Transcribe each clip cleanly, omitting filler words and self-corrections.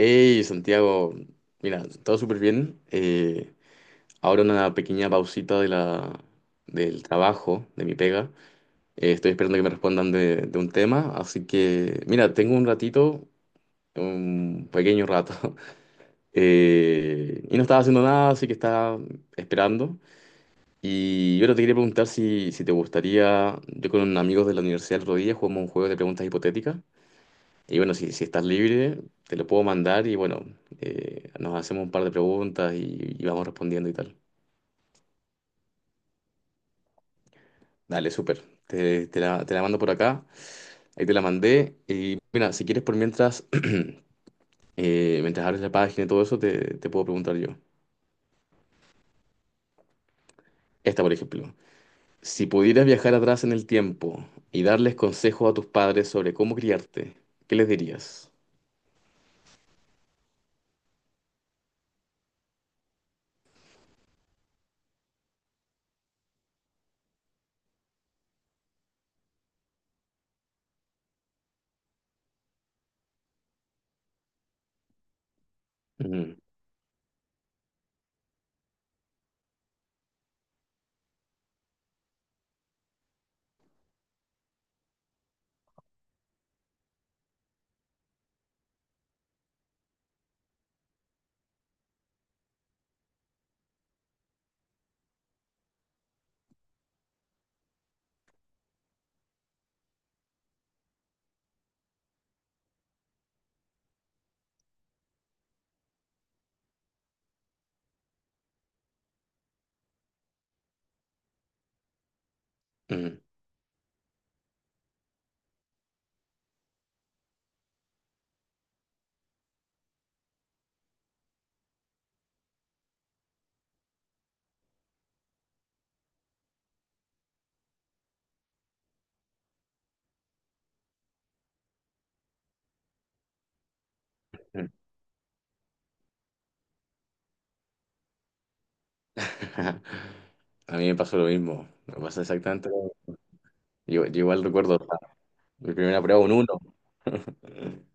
Hey, Santiago, mira, todo súper bien. Ahora una pequeña pausita del trabajo, de mi pega. Estoy esperando que me respondan de un tema, así que, mira, tengo un ratito, un pequeño rato. Y no estaba haciendo nada, así que estaba esperando. Y yo te quería preguntar si te gustaría, yo con amigos de la universidad el otro día jugamos un juego de preguntas hipotéticas. Y bueno, si estás libre, te lo puedo mandar y bueno, nos hacemos un par de preguntas y vamos respondiendo y tal. Dale, súper. Te la mando por acá. Ahí te la mandé. Y mira, si quieres por mientras, mientras abres la página y todo eso, te puedo preguntar yo. Esta, por ejemplo. Si pudieras viajar atrás en el tiempo y darles consejos a tus padres sobre cómo criarte, ¿qué les dirías? Mm, mm, mm. A mí me pasó lo mismo. Me pasa exactamente lo mismo. Yo igual recuerdo. Mi primera prueba, un uno.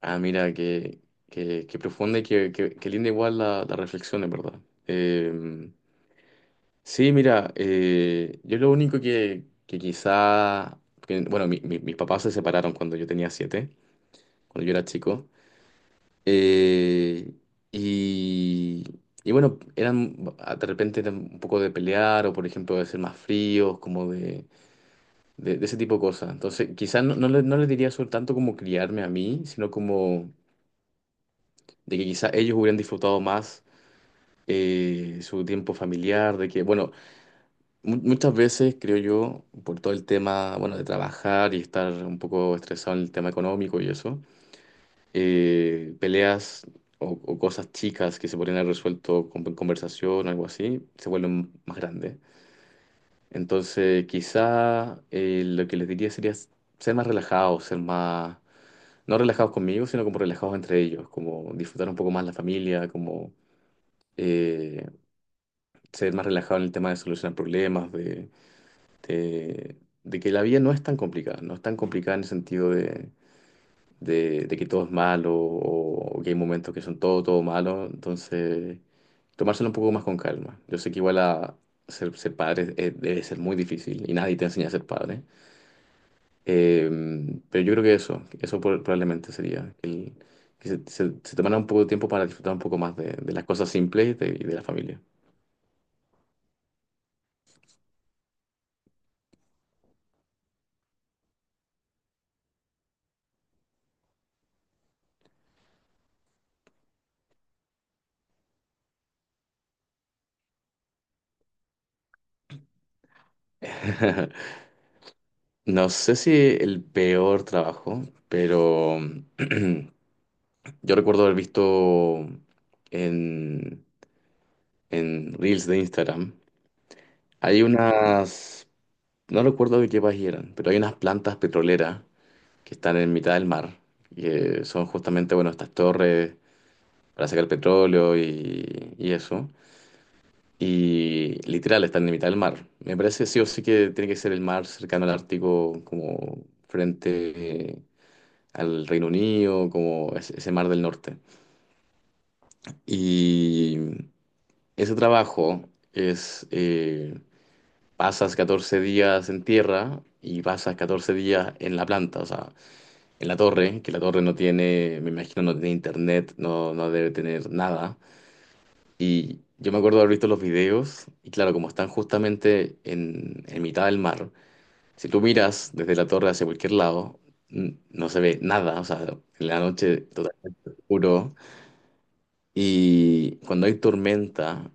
Ah, mira, qué profunda y qué linda igual la reflexión, en verdad. Eh, sí, mira, yo lo único que quizá, bueno, mis papás se separaron cuando yo tenía siete, cuando yo era chico. Eh, y, y bueno, eran, de repente eran un poco de pelear o, por ejemplo, de ser más fríos, como de ese tipo de cosas. Entonces, quizás no les diría sobre tanto como criarme a mí, sino como de que quizás ellos hubieran disfrutado más su tiempo familiar, de que, bueno, muchas veces creo yo, por todo el tema, bueno, de trabajar y estar un poco estresado en el tema económico y eso, peleas o cosas chicas que se podrían haber resuelto con conversación o algo así, se vuelven más grandes. Entonces, quizá lo que les diría sería ser más relajados, ser más, no relajados conmigo, sino como relajados entre ellos, como disfrutar un poco más la familia, como eh, ser más relajado en el tema de solucionar problemas, de- de que la vida no es tan complicada, no es tan complicada en el sentido de que todo es malo o que hay momentos que son todo malo. Entonces, tomárselo un poco más con calma. Yo sé que igual a ser padre debe ser muy difícil y nadie te enseña a ser padre. Eh, pero yo creo que eso probablemente sería, que se tomara un poco de tiempo para disfrutar un poco más de las cosas simples y de la familia. No sé si el peor trabajo, pero yo recuerdo haber visto en, en Reels de Instagram, hay unas, no recuerdo de qué país eran, pero hay unas plantas petroleras que están en mitad del mar, que son justamente, bueno, estas torres para sacar petróleo y eso. Y literal, están en la mitad del mar. Me parece sí o sí que tiene que ser el mar cercano al Ártico, como frente al Reino Unido, como ese mar del norte. Y ese trabajo es, pasas 14 días en tierra y pasas 14 días en la planta, o sea, en la torre, que la torre no tiene, me imagino, no tiene internet, no debe tener nada. Y yo me acuerdo de haber visto los videos, y claro, como están justamente en mitad del mar, si tú miras desde la torre hacia cualquier lado, no se ve nada, o sea, en la noche totalmente oscuro. Y cuando hay tormenta,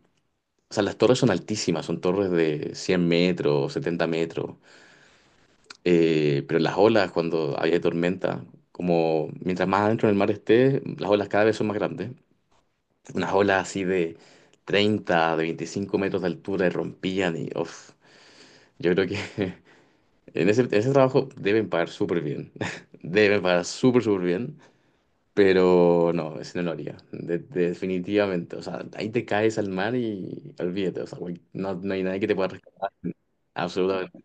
o sea, las torres son altísimas, son torres de 100 metros, 70 metros, pero las olas cuando hay tormenta, como mientras más adentro en el mar esté, las olas cada vez son más grandes. Unas olas así de 30, de 25 metros de altura y rompían y uf, yo creo que en ese trabajo deben pagar súper bien, deben pagar súper, súper bien, pero no, ese no lo haría, definitivamente, o sea, ahí te caes al mar y olvídate, o sea, güey, no hay nadie que te pueda rescatar, absolutamente.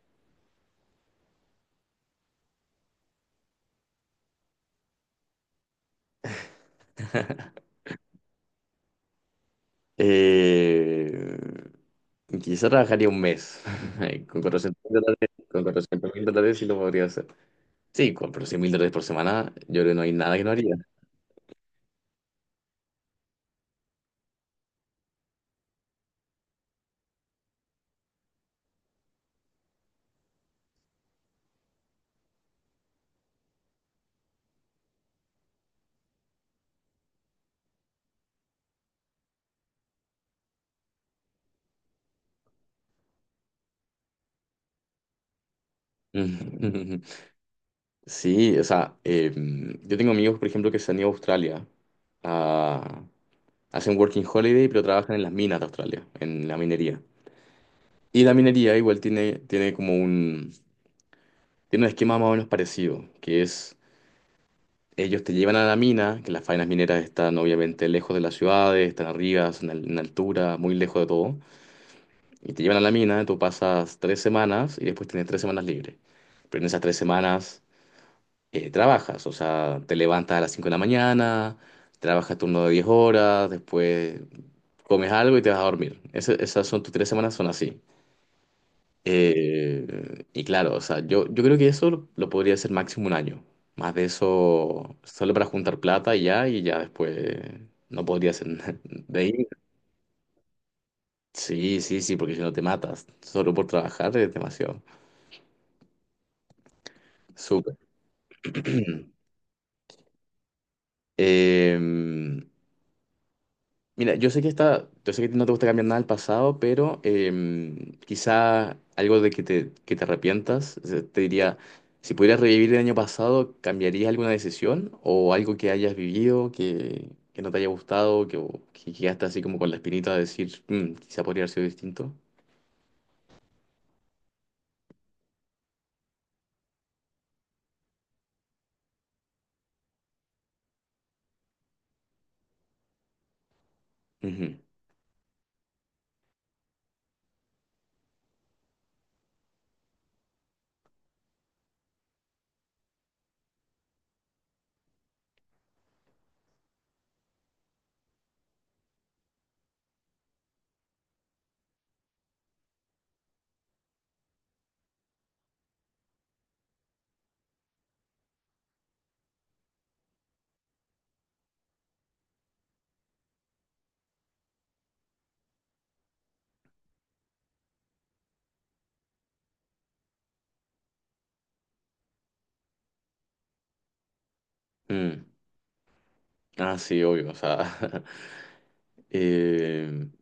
Eh, quizá trabajaría un mes, con 400 mil dólares, con 400 mil dólares sí lo podría hacer. Sí, pero $100,000 por semana, yo creo que no hay nada que no haría. Sí, o sea, yo tengo amigos, por ejemplo, que se han ido a Australia. a- Hacen working holiday, pero trabajan en las minas de Australia, en la minería. Y la minería igual tiene un esquema más o menos parecido, que es, ellos te llevan a la mina, que las faenas mineras están obviamente lejos de las ciudades, están arriba, son en altura, muy lejos de todo. Y te llevan a la mina, tú pasas 3 semanas y después tienes 3 semanas libres. Pero en esas 3 semanas trabajas, o sea, te levantas a las 5 de la mañana, trabajas turno de 10 horas, después comes algo y te vas a dormir. Esas son tus 3 semanas, son así. Y claro, o sea, yo creo que eso lo podría hacer máximo un año. Más de eso, solo para juntar plata y ya, después no podría hacer nada. De ahí, sí, sí, sí, porque si no te matas, solo por trabajar es demasiado. Súper. Mm. Em, mira, yo sé que no te gusta cambiar nada del pasado, pero quizá algo de que te arrepientas. O sea, te diría, si pudieras revivir el año pasado, ¿cambiarías alguna decisión o algo que hayas vivido que no te haya gustado, que, o que quedaste así como con la espinita de decir, "Mm, quizá podría haber sido distinto? Ujú, mm. Ah, sí, obvio, o sea, em,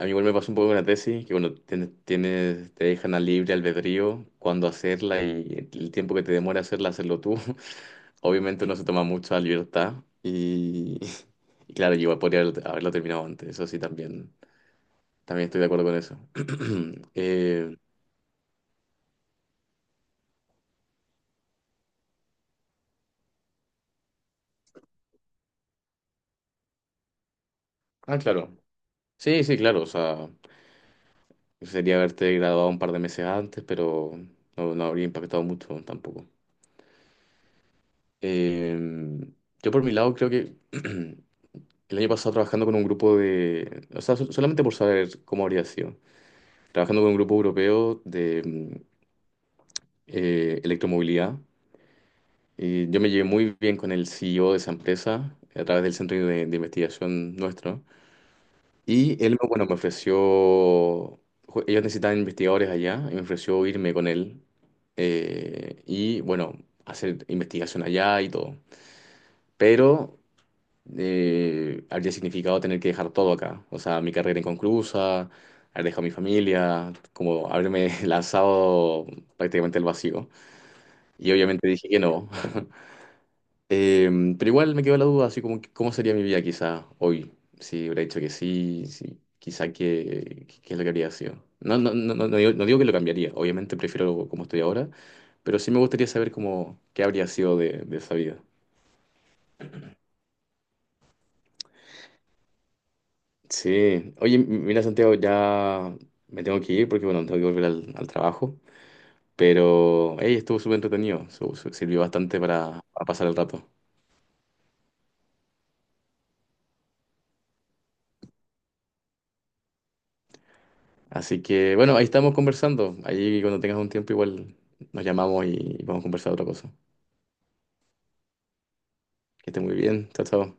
A mí igual me pasó un poco con la tesis, que bueno, te dejan a libre albedrío cuándo hacerla y el tiempo que te demora hacerla, hacerlo tú. Obviamente no se toma mucha libertad y, y claro, yo igual podría haberlo terminado antes, eso sí, también estoy de acuerdo con eso. Eh, ah, claro. Sí, sí, claro, o sea, sería haberte graduado un par de meses antes, pero no habría impactado mucho tampoco. Eh, yo por mi lado creo que. El año pasado trabajando con un grupo de, o sea, solamente por saber cómo habría sido, trabajando con un grupo europeo de electromovilidad. Y yo me llevé muy bien con el CEO de esa empresa a través del centro de investigación nuestro. Y él, bueno, me ofreció, ellos necesitaban investigadores allá y me ofreció irme con él y, bueno, hacer investigación allá y todo. Pero habría significado tener que dejar todo acá. O sea, mi carrera inconclusa, haber dejado a mi familia, como haberme lanzado prácticamente al vacío. Y obviamente dije que no. Eh, pero igual me quedó la duda, así como, ¿cómo sería mi vida quizá hoy? Si hubiera dicho que sí, si quizá qué es lo que habría sido. No, no, no, no, no digo, que lo cambiaría, obviamente prefiero como estoy ahora, pero sí me gustaría saber cómo, qué habría sido de esa vida. Sí, oye, mira Santiago, ya me tengo que ir porque bueno, tengo que volver al trabajo, pero hey, estuvo súper entretenido, sirvió bastante para pasar el rato. Así que bueno, ahí estamos conversando, ahí cuando tengas un tiempo igual nos llamamos y vamos a conversar otra cosa. Que esté muy bien, chao, chao.